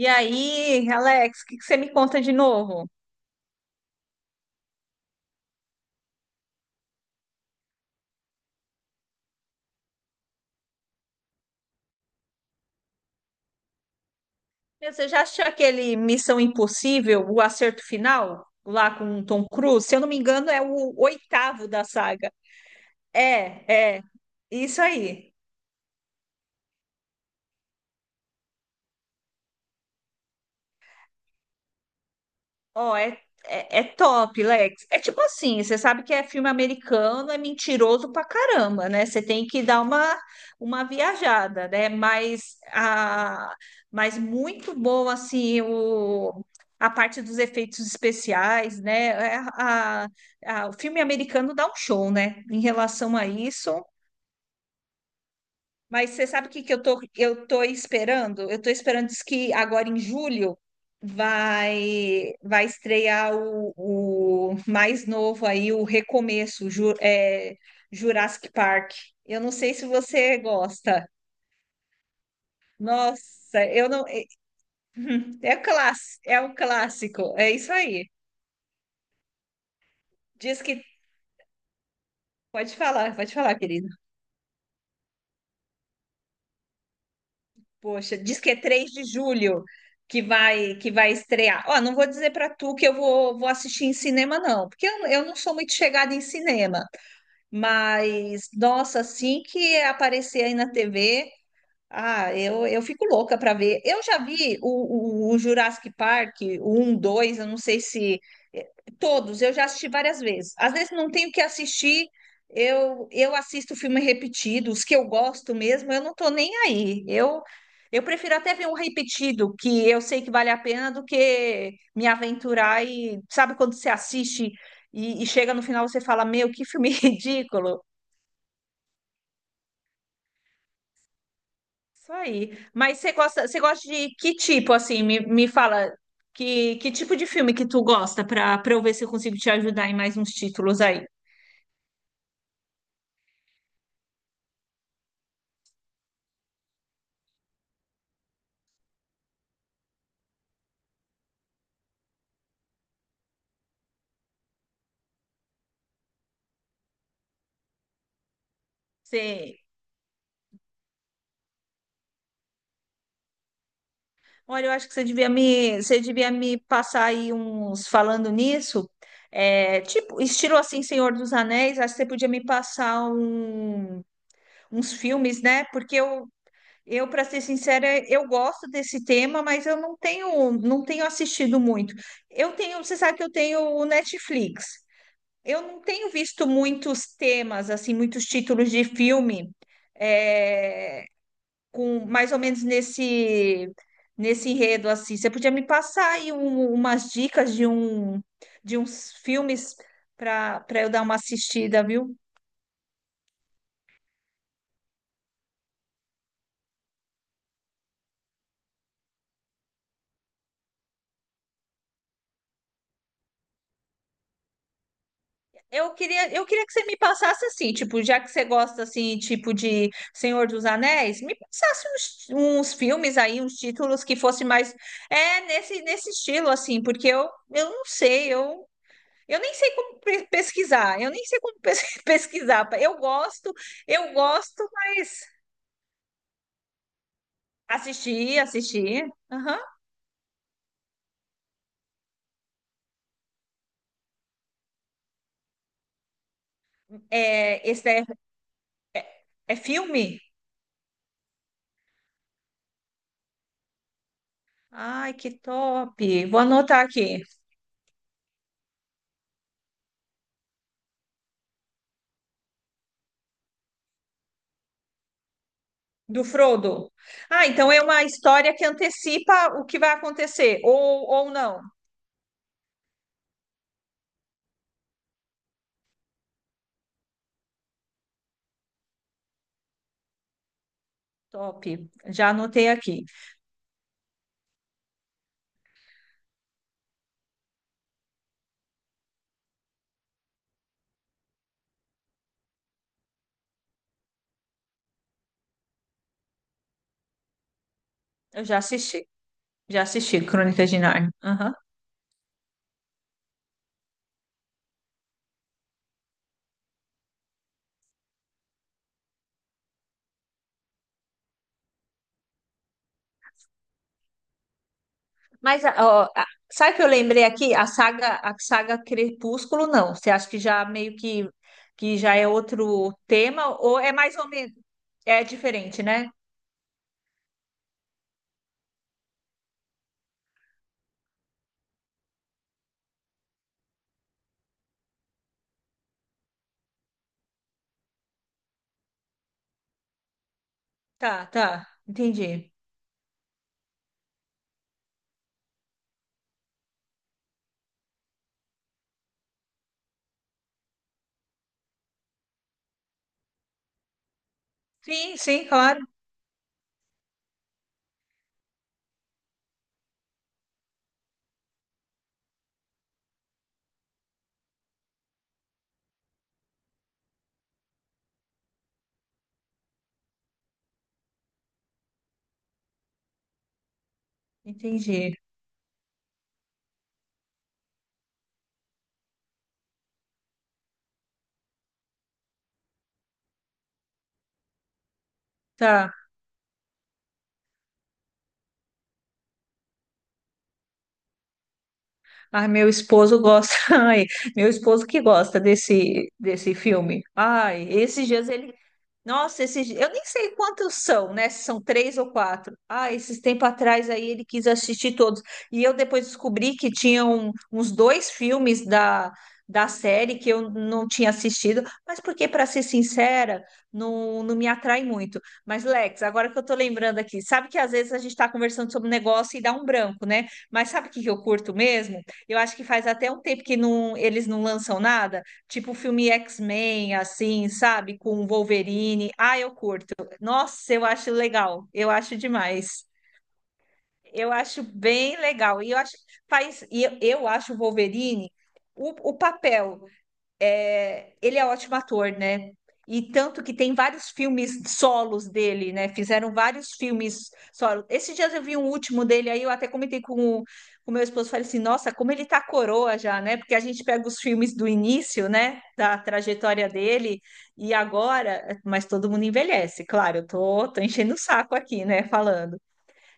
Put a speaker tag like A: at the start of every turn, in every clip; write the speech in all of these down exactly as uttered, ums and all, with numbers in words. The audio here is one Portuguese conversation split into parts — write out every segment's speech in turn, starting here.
A: E aí, Alex, o que que você me conta de novo? Meu, você já assistiu aquele Missão Impossível, O Acerto Final, lá com o Tom Cruise? Se eu não me engano, é o oitavo da saga. É, é, isso aí. Ó, é, é, é top, Lex. É tipo assim, você sabe que é filme americano, é mentiroso pra caramba, né? Você tem que dar uma, uma viajada, né? Mas, a, mas muito bom, assim, o, a parte dos efeitos especiais, né? É, a, a- o filme americano dá um show, né? Em relação a isso, mas você sabe o que que eu tô, eu tô esperando? Eu tô esperando, diz que agora em julho vai vai estrear o, o mais novo aí, o Recomeço, Ju- é, Jurassic Park. Eu não sei se você gosta. Nossa, eu não. É, é, class, é um clássico, é isso aí. Diz que. Pode falar, pode falar, querido. Poxa, diz que é três de julho que vai que vai estrear. Ó, não vou dizer para tu que eu vou, vou assistir em cinema, não, porque eu, eu não sou muito chegada em cinema. Mas, nossa, assim que aparecer aí na T V, ah, eu, eu fico louca para ver. Eu já vi o, o, o Jurassic Park, o um, dois, eu não sei se. eh, Todos, eu já assisti várias vezes. Às vezes não tenho o que assistir, eu, eu assisto filme repetido, os que eu gosto mesmo, eu não tô nem aí. Eu, eu prefiro até ver um repetido, que eu sei que vale a pena, do que me aventurar e. Sabe quando você assiste e, e chega no final você fala: Meu, que filme ridículo! Isso aí. Mas você gosta, você gosta de que tipo, assim? Me, me fala que, que tipo de filme que tu gosta para para eu ver se eu consigo te ajudar em mais uns títulos aí. Você, olha, eu acho que você devia me, você devia me passar aí uns, falando nisso. É, tipo, estilo assim, Senhor dos Anéis, acho que você podia me passar um- uns filmes, né? Porque eu, Eu, para ser sincera, eu gosto desse tema, mas eu não tenho, não tenho assistido muito. Eu tenho, você sabe que eu tenho o Netflix. Eu não tenho visto muitos temas, assim, muitos títulos de filme, é, com mais ou menos nesse nesse enredo assim. Você podia me passar aí um- umas dicas de um de uns filmes para para eu dar uma assistida, viu? Eu queria, eu queria que você me passasse assim, tipo, já que você gosta assim, tipo de Senhor dos Anéis, me passasse uns, uns filmes aí, uns títulos que fosse mais é nesse nesse estilo assim, porque eu eu não sei, eu eu nem sei como pe- pesquisar, eu nem sei como pes- pesquisar. Eu gosto, eu gosto, mas assistir, assistir. Aham. É, esse é, é filme? Ai, que top. Vou anotar aqui. Do Frodo. Ah, então é uma história que antecipa o que vai acontecer, ou, ou não. Top. Já anotei aqui. Eu já assisti. Já assisti Crônicas de Narnia. Aham. Mas ó, a- sabe o que eu lembrei aqui? A saga, a saga Crepúsculo, não. Você acha que já meio que, que já é outro tema, ou é mais ou menos. É diferente, né? Tá, tá. Entendi. Sim, sim, claro. Entendi. Tá. Ai, meu esposo gosta. Ai, meu esposo que gosta desse, desse filme. Ai, esses dias ele, nossa, esses, eu nem sei quantos são, né? Se são três ou quatro. Ah, esses tempo atrás aí ele quis assistir todos. E eu depois descobri que tinham uns dois filmes da, da série que eu não tinha assistido, mas porque, para ser sincera, não, não me atrai muito. Mas, Lex, agora que eu tô lembrando aqui, sabe que às vezes a gente está conversando sobre um negócio e dá um branco, né? Mas sabe o que que eu curto mesmo? Eu acho que faz até um tempo que não, eles não lançam nada. Tipo filme X-Men, assim, sabe? Com Wolverine. Ah, eu curto. Nossa, eu acho legal. Eu acho demais. Eu acho bem legal. E eu acho, faz, e eu, eu acho o Wolverine, o, o papel é, ele é ótimo ator, né? E tanto que tem vários filmes solos dele, né? Fizeram vários filmes solos. Esses dias eu vi um último dele, aí eu até comentei com o, com o meu esposo, falei assim, nossa, como ele tá coroa já, né? Porque a gente pega os filmes do início, né? Da trajetória dele, e agora, mas todo mundo envelhece, claro, eu tô, tô enchendo o saco aqui, né? Falando.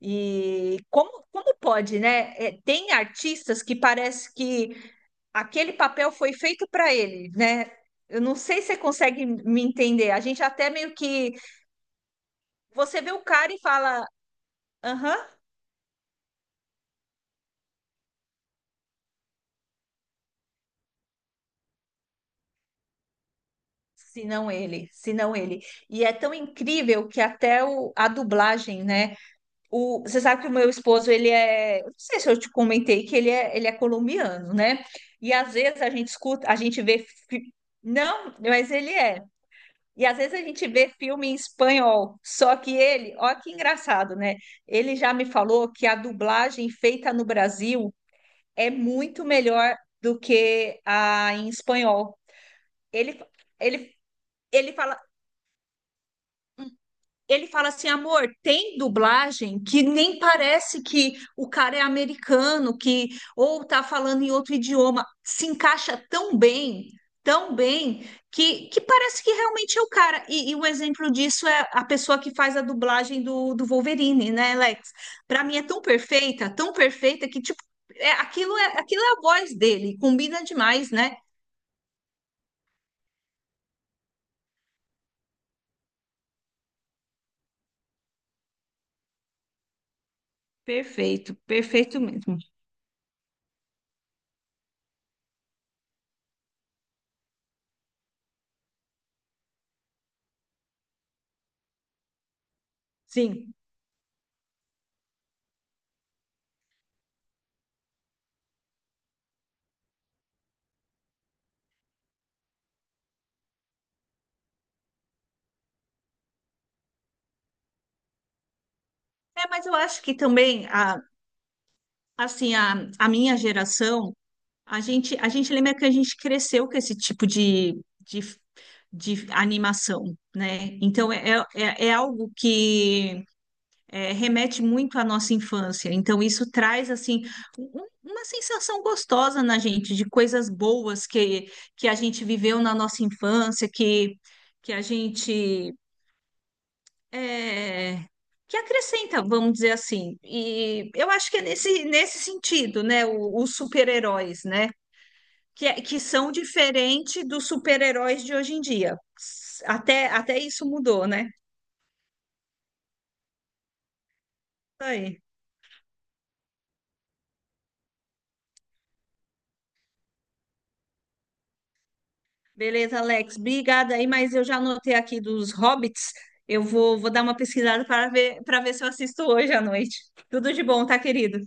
A: E como, como pode, né? É, tem artistas que parece que aquele papel foi feito para ele, né? Eu não sei se você consegue me entender. A gente até meio que você vê o cara e fala, aham, se não ele, se não ele. E é tão incrível que até o, a dublagem, né? O, você sabe que o meu esposo, ele é, eu não sei se eu te comentei que ele é, ele é colombiano, né? E às vezes a gente escuta, a gente vê, fi- não, mas ele é. E às vezes a gente vê filme em espanhol, só que ele, ó que engraçado, né? Ele já me falou que a dublagem feita no Brasil é muito melhor do que a em espanhol. Ele, ele, ele fala, ele fala assim, amor, tem dublagem que nem parece que o cara é americano, que ou tá falando em outro idioma, se encaixa tão bem, tão bem, que, que parece que realmente é o cara. E, e um exemplo disso é a pessoa que faz a dublagem do, do Wolverine, né, Alex? Para mim é tão perfeita, tão perfeita que tipo, é, aquilo é, aquilo é a voz dele, combina demais, né? Perfeito, perfeito mesmo. Sim. É, mas eu acho que também a assim, a, a minha geração, a gente, a gente lembra que a gente cresceu com esse tipo de, de, de animação, né? Então, é, é, é é algo que é, remete muito à nossa infância. Então, isso traz, assim, um- um, uma sensação gostosa na gente, de coisas boas que, que a gente viveu na nossa infância, que, que a gente é, que acrescenta, vamos dizer assim. E eu acho que é nesse, nesse sentido, né? o- Os super-heróis, né? Que, é- que são diferentes dos super-heróis de hoje em dia. S- Até, até isso mudou, né? Isso aí. Beleza, Alex. Obrigada aí, mas eu já anotei aqui dos Hobbits. Eu vou, vou dar uma pesquisada para ver, para ver se eu assisto hoje à noite. Tudo de bom, tá, querido?